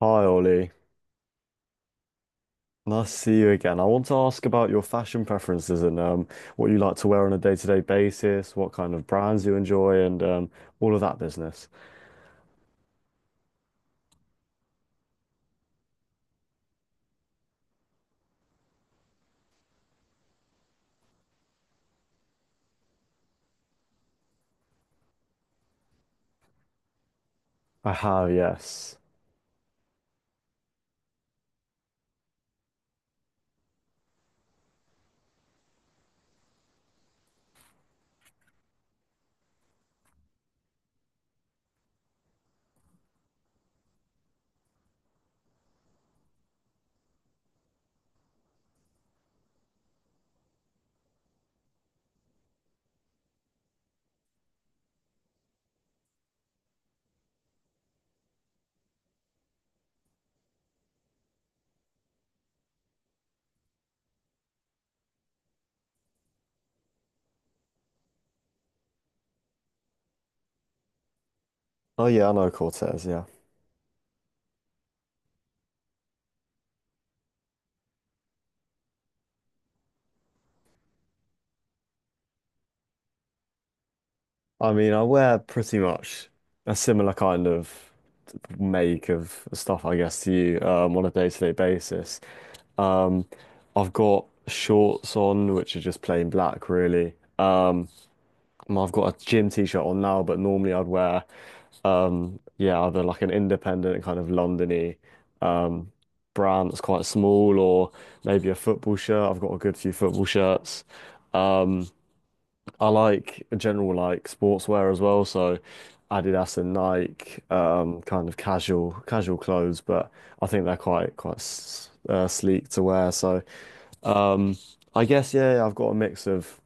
Hi Ollie, nice to see you again. I want to ask about your fashion preferences and what you like to wear on a day-to-day basis, what kind of brands you enjoy, and all of that business. I have, yes. Oh yeah, I know Cortez. Yeah, I mean, I wear pretty much a similar kind of make of stuff, I guess, to you on a day-to-day basis. Um, I've got shorts on, which are just plain black, really. I've got a gym t-shirt on now, but normally I'd wear, yeah, either like an independent kind of Londony, um, brand that's quite small, or maybe a football shirt. I've got a good few football shirts. Um, I like a general like sportswear as well, so Adidas and Nike, kind of casual clothes, but I think they're quite sleek to wear. So um, I guess yeah, I've got a mix of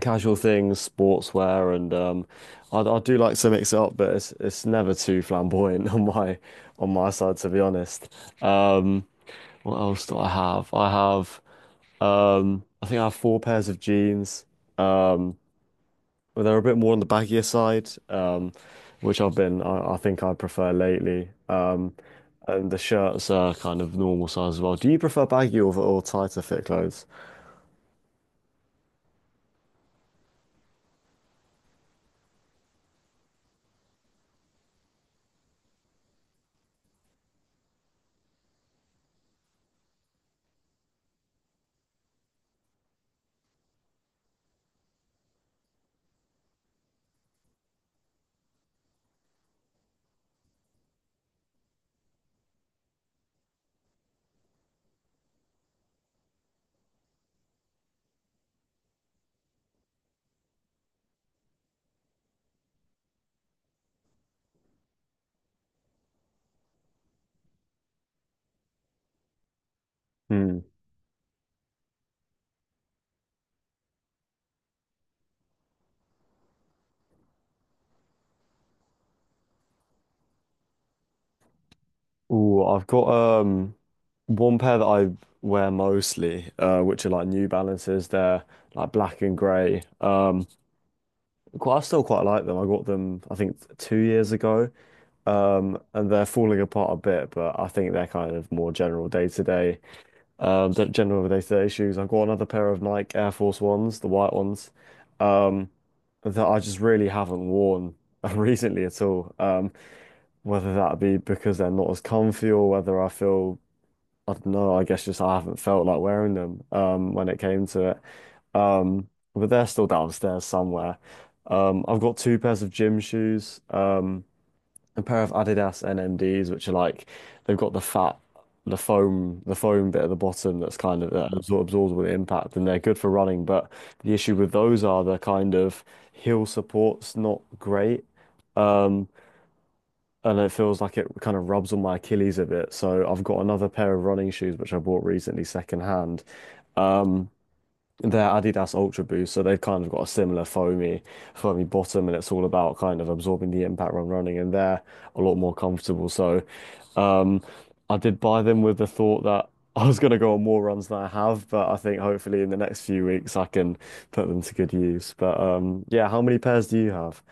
casual things, sportswear, and I do like to mix it up, but it's never too flamboyant on my side, to be honest. Um, what else do I have? I have I think I have four pairs of jeans. Um, but they're a bit more on the baggier side, um, which I think I prefer lately. And the shirts are kind of normal size as well. Do you prefer baggy or tighter fit clothes? Ooh, I've got um one pair that I wear mostly, which are like New Balances. They're like black and grey. Quite, I still quite like them. I got them, I think, 2 years ago. And they're falling apart a bit, but I think they're kind of more general day to day, the general day to day shoes. I've got another pair of Nike Air Force Ones, the white ones, um, that I just really haven't worn recently at all. Whether that be because they're not as comfy or whether I feel I don't know, I guess just I haven't felt like wearing them when it came to it. Um but they're still downstairs somewhere. I've got two pairs of gym shoes, a pair of Adidas NMDs which are like they've got the fat the foam bit at the bottom that's kind of that absorbs all the impact and they're good for running, but the issue with those are the kind of heel support's not great. Um and it feels like it kind of rubs on my Achilles a bit. So I've got another pair of running shoes which I bought recently secondhand. Um, they're Adidas Ultra Boost, so they've kind of got a similar foamy bottom, and it's all about kind of absorbing the impact when running, and they're a lot more comfortable. So, um, I did buy them with the thought that I was going to go on more runs than I have, but I think hopefully in the next few weeks I can put them to good use. But yeah, how many pairs do you have?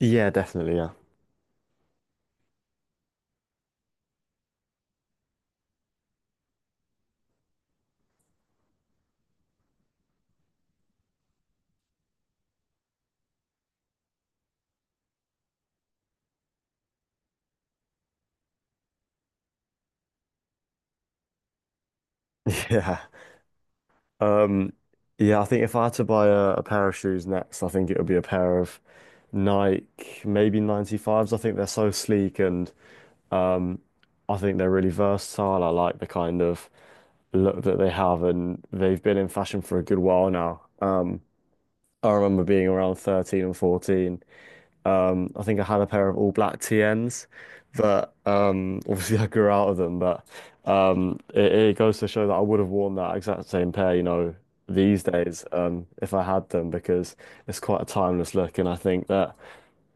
Yeah, definitely. Yeah, yeah. Um, yeah, I think if I had to buy a pair of shoes next, I think it would be a pair of Nike, maybe 95s. I think they're so sleek and um, I think they're really versatile. I like the kind of look that they have, and they've been in fashion for a good while now. I remember being around 13 and 14. I think I had a pair of all black TNs, but obviously I grew out of them. But it goes to show that I would have worn that exact same pair, you know, these days if I had them because it's quite a timeless look. And I think that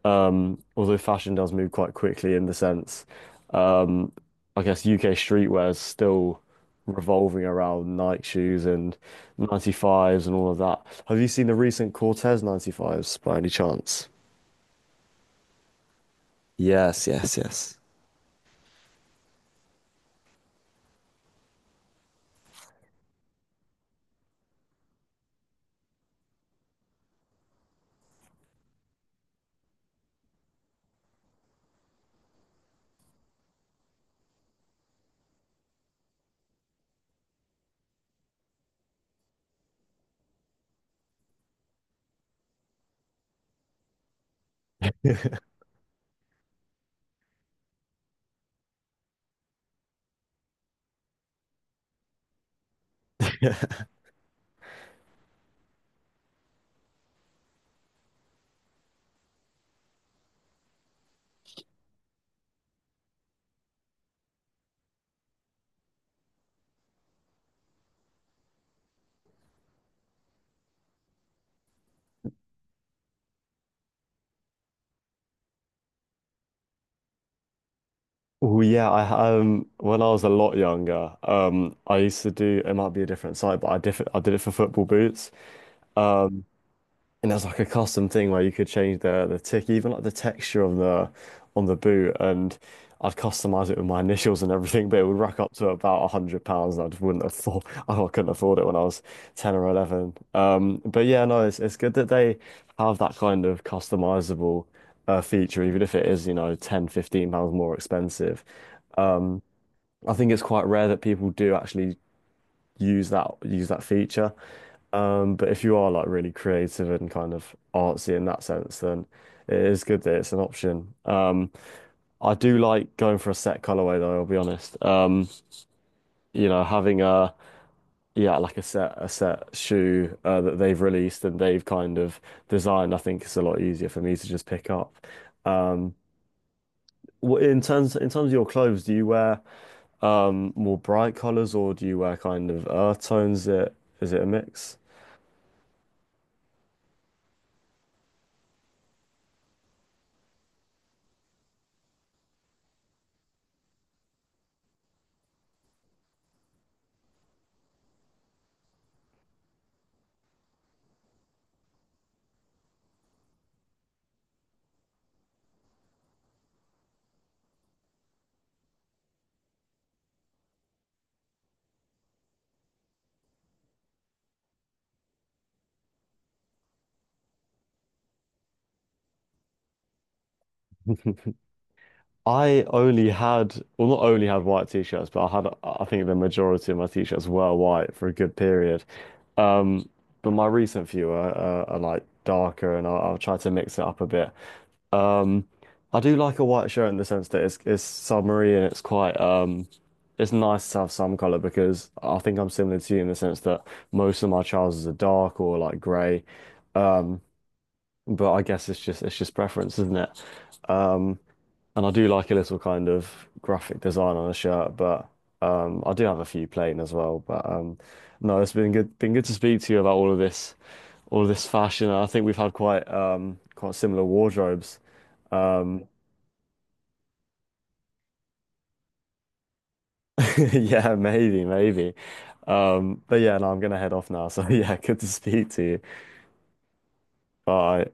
although fashion does move quite quickly in the sense, um, I guess UK streetwear is still revolving around Nike shoes and 95s and all of that. Have you seen the recent Cortez 95s by any chance? Yes, yes, yes. Oh yeah, I when I was a lot younger, I used to do it might be a different site, but I did it for football boots. Um, And there's like a custom thing where you could change the tick, even like the texture on the boot, and I'd customize it with my initials and everything, but it would rack up to about £100, and I just wouldn't afford. I couldn't afford it when I was 10 or 11. But yeah, no, it's good that they have that kind of customizable feature, even if it is, you know, £10-15 more expensive. Um, I think it's quite rare that people do actually use that feature. But if you are like really creative and kind of artsy in that sense, then it is good that it's an option. I do like going for a set colorway though, I'll be honest. You know, having a yeah, like a set shoe that they've released and they've kind of designed, I think it's a lot easier for me to just pick up. Um, in terms of your clothes, do you wear more bright colors or do you wear kind of earth tones? Is it a mix? I only had, well, not only had white t-shirts, but I had, I think the majority of my t-shirts were white for a good period. Um, but my recent few are like darker, and I'll try to mix it up a bit. Um, I do like a white shirt in the sense that it's summery and it's quite it's nice to have some color because I think I'm similar to you in the sense that most of my trousers are dark or like grey. Um, but I guess it's just preference, isn't it? Um, and I do like a little kind of graphic design on a shirt, but I do have a few plain as well. But no, been good to speak to you about all of this fashion. And I think we've had quite quite similar wardrobes. Um, yeah, maybe, maybe. But yeah, no, I'm gonna head off now. So yeah, good to speak to you. Bye.